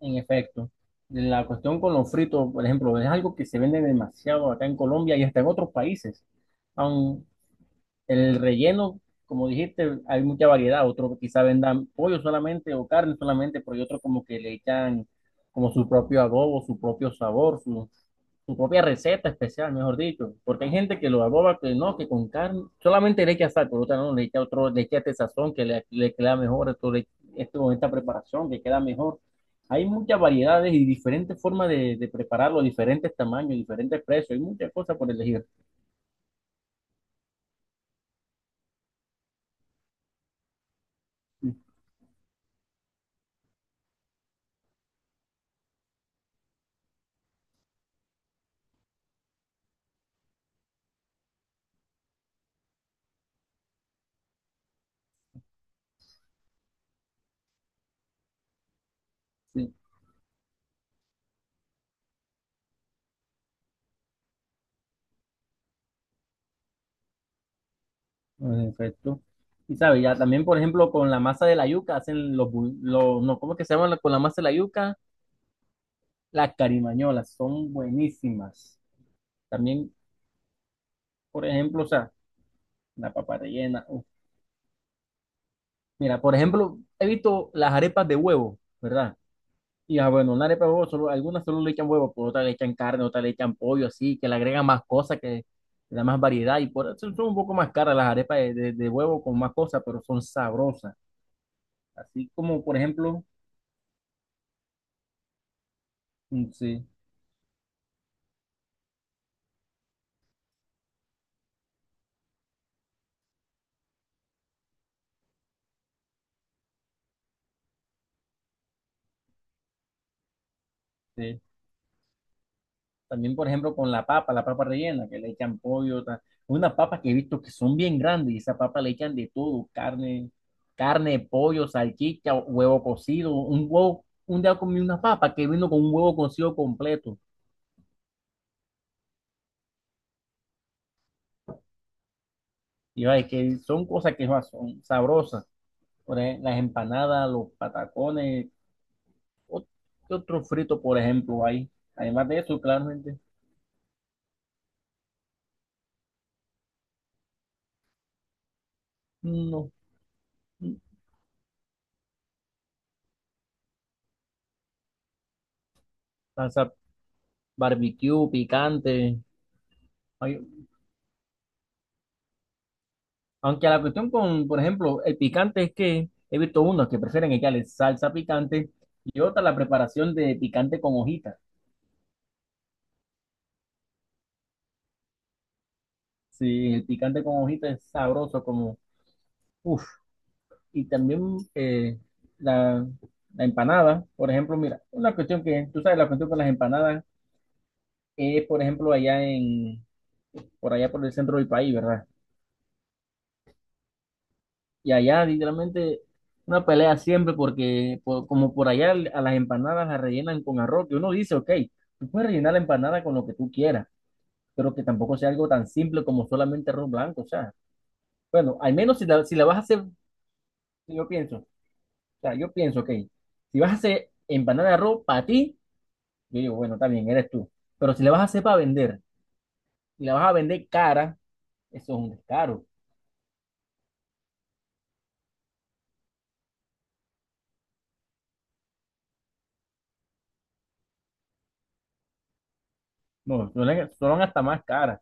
En efecto, la cuestión con los fritos, por ejemplo, es algo que se vende demasiado acá en Colombia y hasta en otros países. Aun el relleno, como dijiste, hay mucha variedad. Otros quizá vendan pollo solamente o carne solamente, pero hay otros como que le echan como su propio adobo, su propio sabor, su propia receta especial, mejor dicho, porque hay gente que lo aboba que no, que con carne, solamente le echa sal, por otra no, le echa otro, le echa este sazón que le queda mejor, esto con esta preparación que queda mejor. Hay muchas variedades y diferentes formas de prepararlo, diferentes tamaños, diferentes precios, hay muchas cosas por elegir. Sí, sí, en efecto. Y sabe, ya también, por ejemplo, con la masa de la yuca hacen los, bu- los no, ¿cómo es que se llaman con la masa de la yuca? Las carimañolas, son buenísimas. También, por ejemplo, o sea, una papa rellena. Uf. Mira, por ejemplo, he visto las arepas de huevo, ¿verdad? Bueno, una arepa de huevo, solo, algunas solo le echan huevo, por otras le echan carne, otras le echan pollo, así, que le agregan más cosas, que le da más variedad. Y por eso son un poco más caras las arepas de huevo con más cosas, pero son sabrosas. Así como, por ejemplo, mm, sí. Sí, también, por ejemplo, con la papa rellena, que le echan pollo, unas papas que he visto que son bien grandes y esa papa le echan de todo, carne, pollo, salchicha, huevo cocido, un huevo, un día comí una papa que vino con un huevo cocido completo. Y ay, que son cosas que ah, son sabrosas. Las empanadas, los patacones, ot- ¿qué otro frito, por ejemplo, hay? Además de eso, claramente, no, pasa barbecue, picante. Hay Aunque la cuestión con, por ejemplo, el picante es que he visto unos que prefieren echarle salsa picante y otra la preparación de picante con hojitas. Sí, el picante con hojitas es sabroso como, uff. Y también eh, la, la empanada, por ejemplo, mira, una cuestión que, tú sabes, la cuestión con las empanadas es, por ejemplo, por allá por el centro del país, ¿verdad? Y allá, literalmente, una pelea siempre porque, como por allá a las empanadas las rellenan con arroz, que uno dice, ok, tú puedes rellenar la empanada con lo que tú quieras, pero que tampoco sea algo tan simple como solamente arroz blanco, o sea, bueno, al menos si la vas a hacer, si yo pienso, o sea, yo pienso, ok, si vas a hacer empanada de arroz para ti, yo digo, bueno, está bien, eres tú, pero si la vas a hacer para vender, y la vas a vender cara, eso es un descaro, no, son hasta más caras,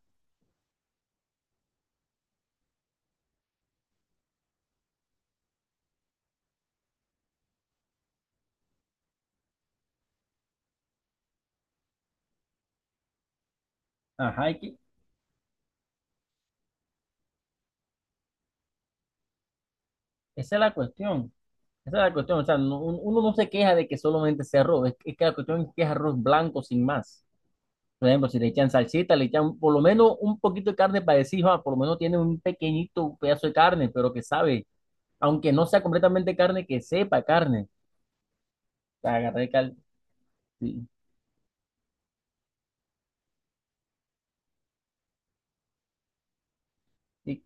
ajá, y esa es la cuestión. Esa es la cuestión, o sea, uno no se queja de que solamente sea arroz, es que la cuestión es que es arroz blanco sin más. Por ejemplo, si le echan salsita, le echan por lo menos un poquito de carne para decir, "Ah, por lo menos tiene un pequeñito pedazo de carne, pero que sabe, aunque no sea completamente carne, que sepa carne. O sea, sí. Y-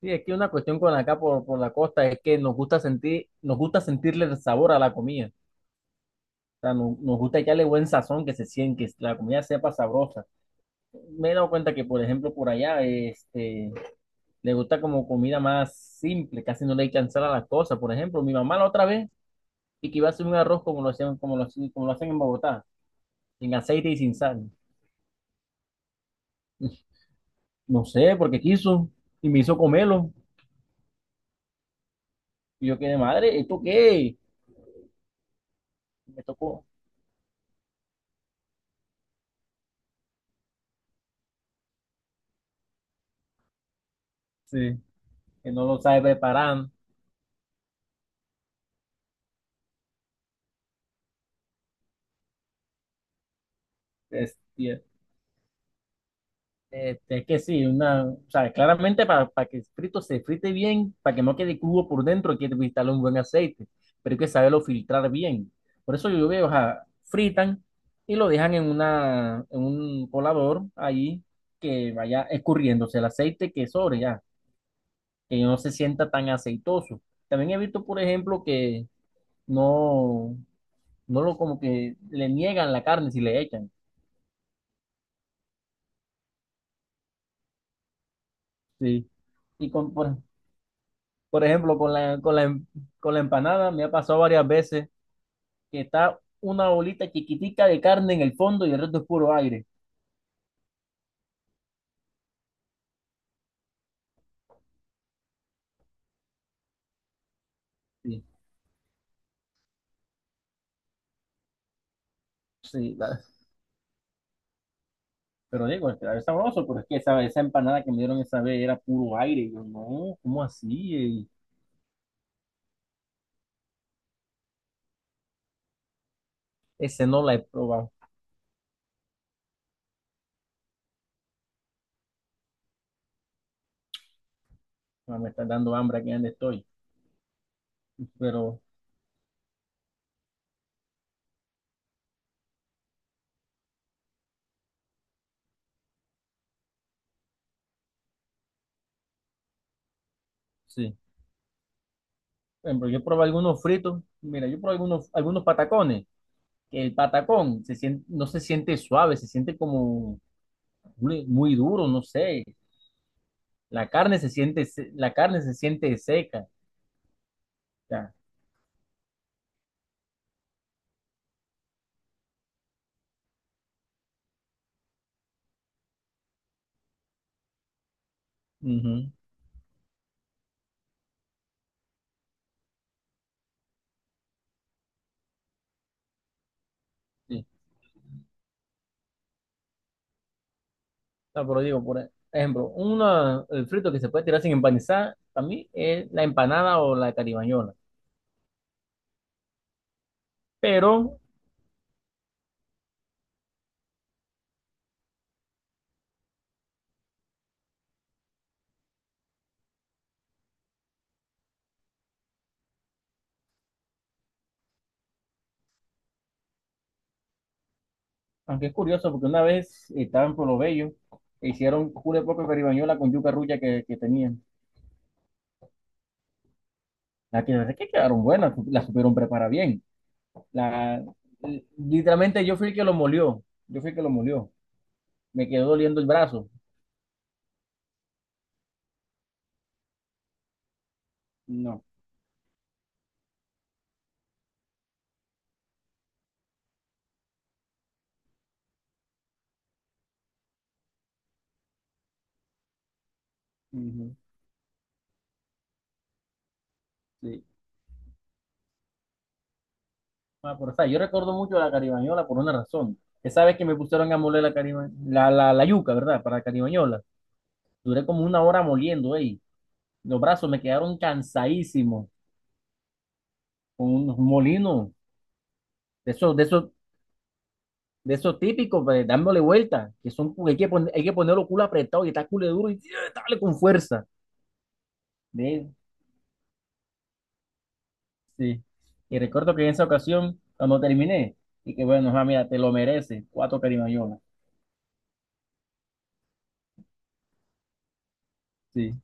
sí, es que una cuestión con acá por la costa es que nos gusta sentir, nos gusta sentirle el sabor a la comida. O sea, nos gusta echarle buen sazón, que se siente, que la comida sepa sabrosa. Me he dado cuenta que, por ejemplo, por allá, este le gusta como comida más simple, casi no le echan sal a las cosas. Por ejemplo, mi mamá la otra vez y que iba a hacer un arroz como lo hacían, hacen como lo hacen en Bogotá, sin aceite y sin sal. No sé, porque quiso y me hizo comerlo. Y yo quedé, madre, ¿esto qué? Me tocó. Sí, que no lo sabe preparar. Es- y- es que sí, una, o sea, claramente para que el frito se frite bien, para que no quede cubo por dentro, hay que instalar un buen aceite, pero hay que saberlo filtrar bien. Por eso yo veo, o sea, fritan y lo dejan en una, en un colador ahí que vaya escurriéndose el aceite que sobre ya, que no se sienta tan aceitoso. También he visto, por ejemplo, que no, no lo como que le niegan la carne si le echan, sí. Y con, por ejemplo, con la, em- Con la empanada me ha pasado varias veces que está una bolita chiquitica de carne en el fondo y el resto es puro aire. Sí, sí, pero digo, es que es sabroso, pero es que esa empanada que me dieron esa vez era puro aire. Y yo, no, ¿cómo así? Y ese no la he probado. Ah, me está dando hambre aquí donde estoy. Pero sí, por ejemplo, yo probé algunos fritos. Mira, yo probé algunos patacones. Que el no se siente suave, se siente como muy duro, no sé. La carne se siente, la carne se siente seca. Ya ujú. Sí. No, pero digo, por ejemplo, una, el frito que se puede tirar sin empanizar, para mí es la empanada o la caribañola. Pero, aunque es curioso, porque una vez estaba en Pueblo Bello, e hicieron cule poco caribañola con yuca rulla que tenían. La que quedaron buenas, la supieron preparar bien. La, Literalmente yo fui el que lo molió. Yo fui el que lo molió. Me quedó doliendo el brazo. No. Ujú. Sí. Ah, pero, o sea, yo recuerdo mucho la caribañola por una razón. Esa vez que me pusieron a moler la yuca, ¿verdad? Para la caribañola. Duré como una hora moliendo ahí. Los brazos me quedaron cansadísimos con unos molinos de esos, de esos, de esos típicos, pues, dándole vuelta, que son, hay que ponerlo culo apretado y está culo duro y ¡sí! Dale con fuerza. De- sí. Y recuerdo que en esa ocasión, cuando terminé, y que bueno, ah, mira, te lo mereces, cuatro caribañolas. Sí.